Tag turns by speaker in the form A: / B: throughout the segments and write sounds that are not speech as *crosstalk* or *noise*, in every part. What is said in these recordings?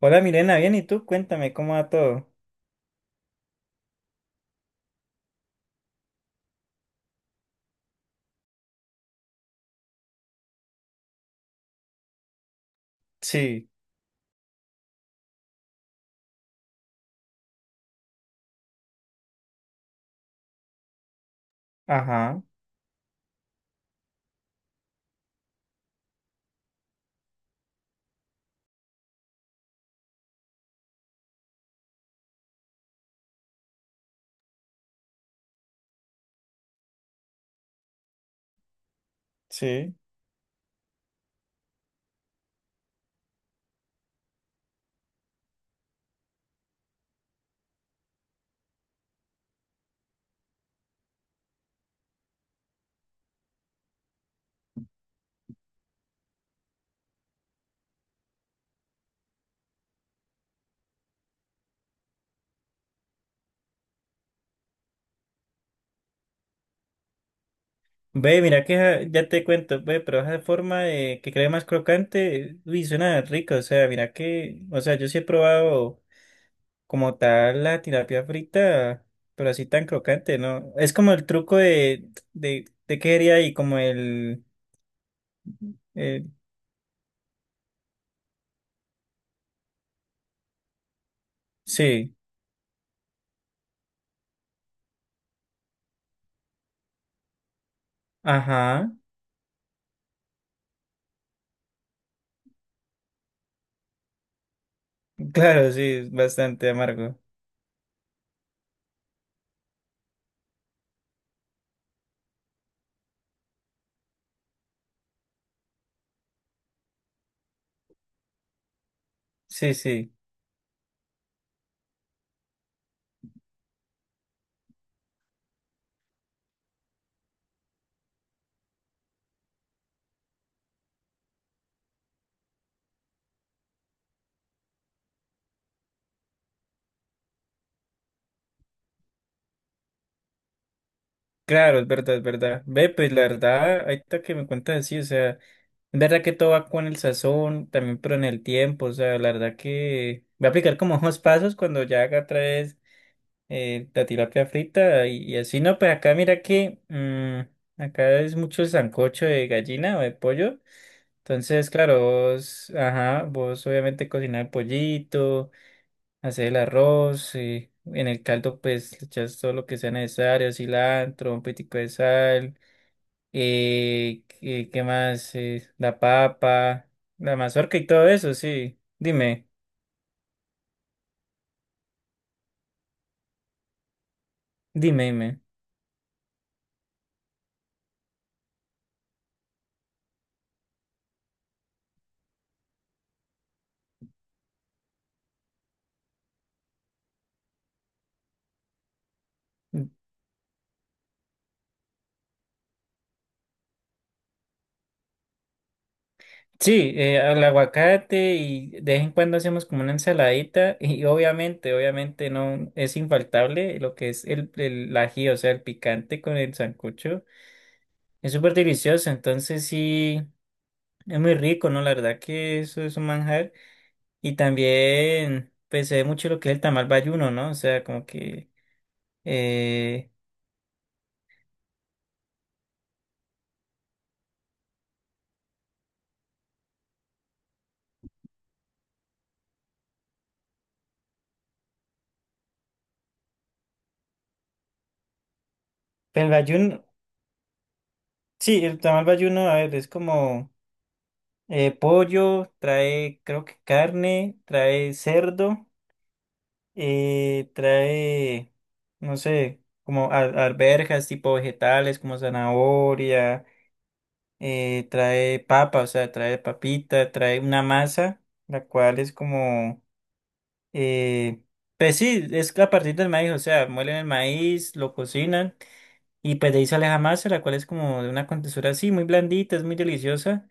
A: Hola Mirena, bien, ¿y tú? Cuéntame cómo va todo. Sí, ajá, sí. Ve, mira que ya te cuento, ve, pero esa forma de que quede más crocante, uy, suena rico, o sea, mira que, o sea, yo sí he probado como tal la tilapia frita, pero así tan crocante, ¿no? Es como el truco de qué haría ahí, como el, sí, ajá, claro, sí, es bastante amargo, sí, sí. Claro, es verdad, es verdad. Ve, pues la verdad, ahorita que me cuentas así, o sea, es verdad que todo va con el sazón, también, pero en el tiempo, o sea, la verdad que voy a aplicar como *laughs* unos pasos cuando ya haga otra vez la tilapia frita y así, no, pues acá mira que acá es mucho el sancocho de gallina o de pollo, entonces, claro, vos, ajá, vos obviamente cocinar el pollito, hacer el arroz, en el caldo pues le echas todo lo que sea necesario, cilantro, un poquitico de sal. Qué más? La papa, la mazorca y todo eso, sí. Dime, dime, dime. Sí, el aguacate y de vez en cuando hacemos como una ensaladita y obviamente no es infaltable lo que es el ají, o sea, el picante con el sancocho. Es súper delicioso, entonces sí, es muy rico, ¿no? La verdad que eso es un manjar. Y también, pues, se ve mucho lo que es el tamal bayuno, ¿no? O sea, como que eh, el bayuno, sí, el tamal bayuno, a ver, es como pollo, trae, creo que carne, trae cerdo, eh, trae, no sé, como alberjas, tipo vegetales, como zanahoria, trae papa, o sea, trae papita, trae una masa, la cual es como, eh, pues sí, es a partir del maíz, o sea, muelen el maíz, lo cocinan, y pues de ahí sale la masa, la cual es como de una contextura así, muy blandita, es muy deliciosa.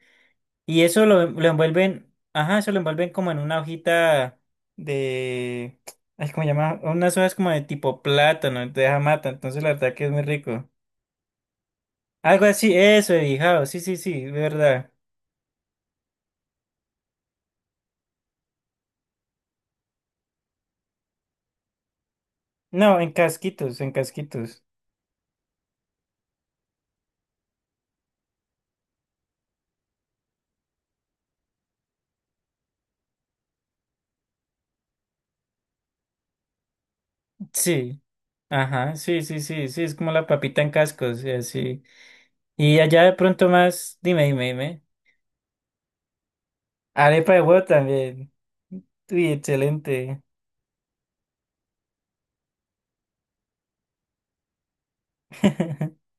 A: Y eso lo envuelven, ajá, eso lo envuelven como en una hojita de, ay, ¿cómo se llama? Unas hojas como de tipo plátano, de mata, entonces la verdad que es muy rico. Algo así, eso, de bijao, sí, sí, sí, de verdad. No, en casquitos, en casquitos. Sí, ajá, sí, sí, sí, sí, es como la papita en cascos, y así. Y allá de pronto más, dime, dime, dime. Arepa de huevo también. Uy, excelente. *laughs*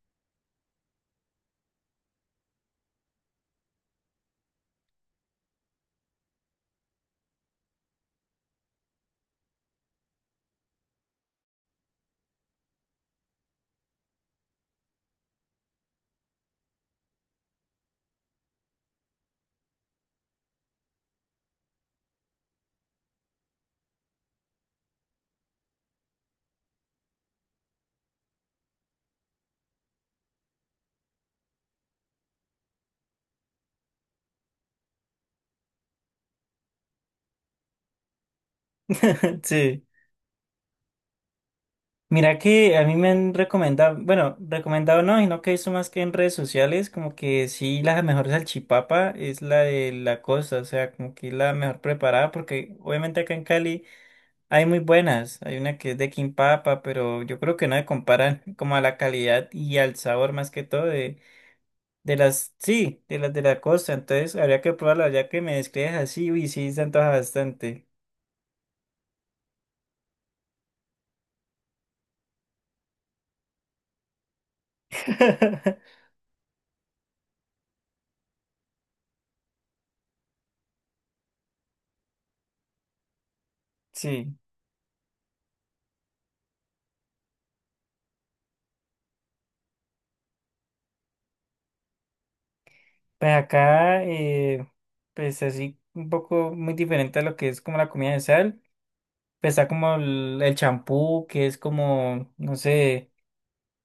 A: Sí. Mira que a mí me han recomendado, bueno, recomendado no, sino que eso más que en redes sociales, como que sí, la mejor salchipapa es la de la costa, o sea, como que es la mejor preparada, porque obviamente acá en Cali hay muy buenas, hay una que es de Quimpapa, pero yo creo que no se comparan *laughs* como a la calidad y al sabor más que todo de las, sí, de las de la costa, entonces habría que probarla, ya que me describes así, uy, sí, se antoja bastante. *laughs* Sí. Pues acá, pues así, un poco muy diferente a lo que es como la comida de sal. Pues está como el champú, que es como, no sé,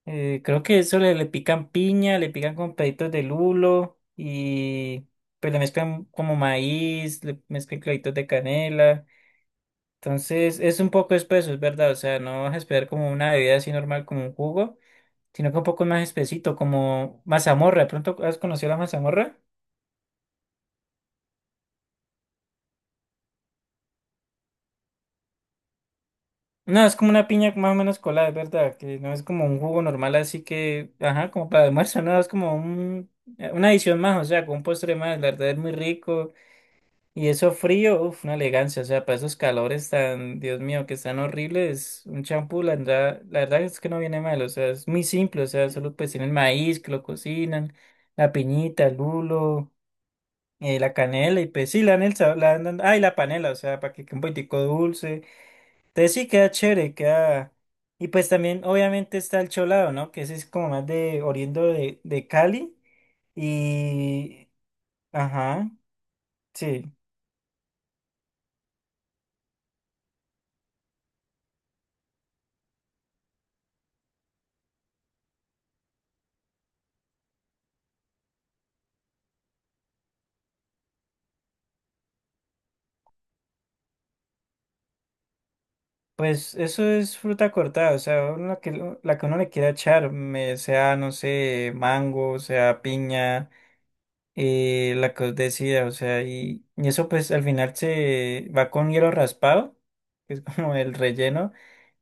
A: creo que eso le pican piña, le pican con peditos de lulo y pues le mezclan como maíz, le mezclan claditos de canela. Entonces es un poco espeso, es verdad. O sea, no vas a esperar como una bebida así normal, como un jugo, sino que un poco más espesito, como mazamorra. ¿De pronto has conocido la mazamorra? No, es como una piña más o menos colada, es verdad, que no es como un jugo normal, así que, ajá, como para almuerzo, no, es como una adición más, o sea, con un postre más, la verdad es muy rico. Y eso frío, uff, una elegancia, o sea, para esos calores tan, Dios mío, que están horribles, un champú, la verdad es que no viene mal, o sea, es muy simple, o sea, solo pues tienen maíz, que lo cocinan, la piñita, el lulo, la canela, y pues sí, le dan el sabor, le dan, ay, la panela, o sea, para que quede un poquitico dulce. Entonces sí queda chévere, queda. Y pues también obviamente está el cholado, ¿no? Que ese es como más de oriendo de Cali. Y... Ajá, sí. Pues eso es fruta cortada, o sea, uno la que uno le quiera echar, sea, no sé, mango, sea piña. La caudecia, o sea, y eso pues al final se va con hielo raspado, que es *laughs* como el relleno,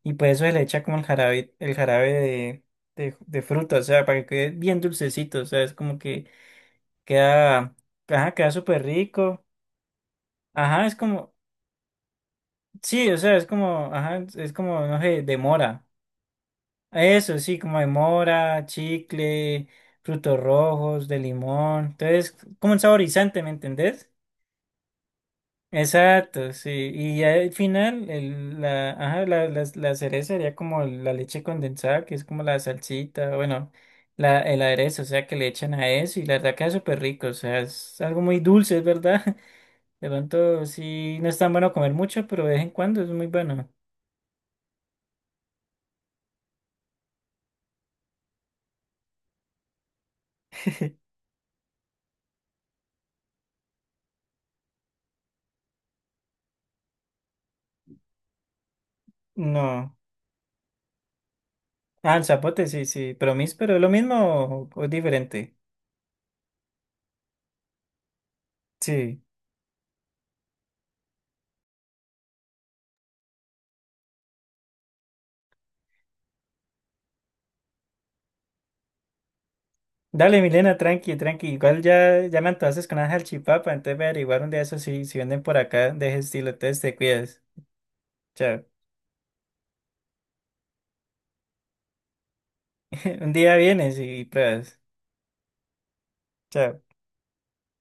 A: y pues eso se le echa como el jarabe, de fruta, o sea, para que quede bien dulcecito, o sea, es como que queda, ajá, queda súper rico, ajá, es como, sí, o sea, es como, ajá, es como, no sé, de mora, eso sí, como de mora, chicle, frutos rojos, de limón, entonces, como un saborizante, ¿me entendés? Exacto, sí. Y ya al final, el, la, ajá, la cereza sería como la leche condensada, que es como la salsita, bueno, el aderezo, o sea, que le echan a eso y la verdad queda súper rico, o sea, es algo muy dulce, es verdad. *laughs* De pronto sí, no es tan bueno comer mucho, pero de vez en cuando es muy bueno. *laughs* No. Ah, el zapote, sí, sí, pero pero es lo mismo o es diferente. Sí. Dale, Milena, tranqui, tranqui. Igual ya me antojaste con una salchipapa, entonces voy a averiguar un día eso si venden por acá de ese estilo. Entonces te cuidas. Chao. *laughs* Un día vienes y pruebas. Chao.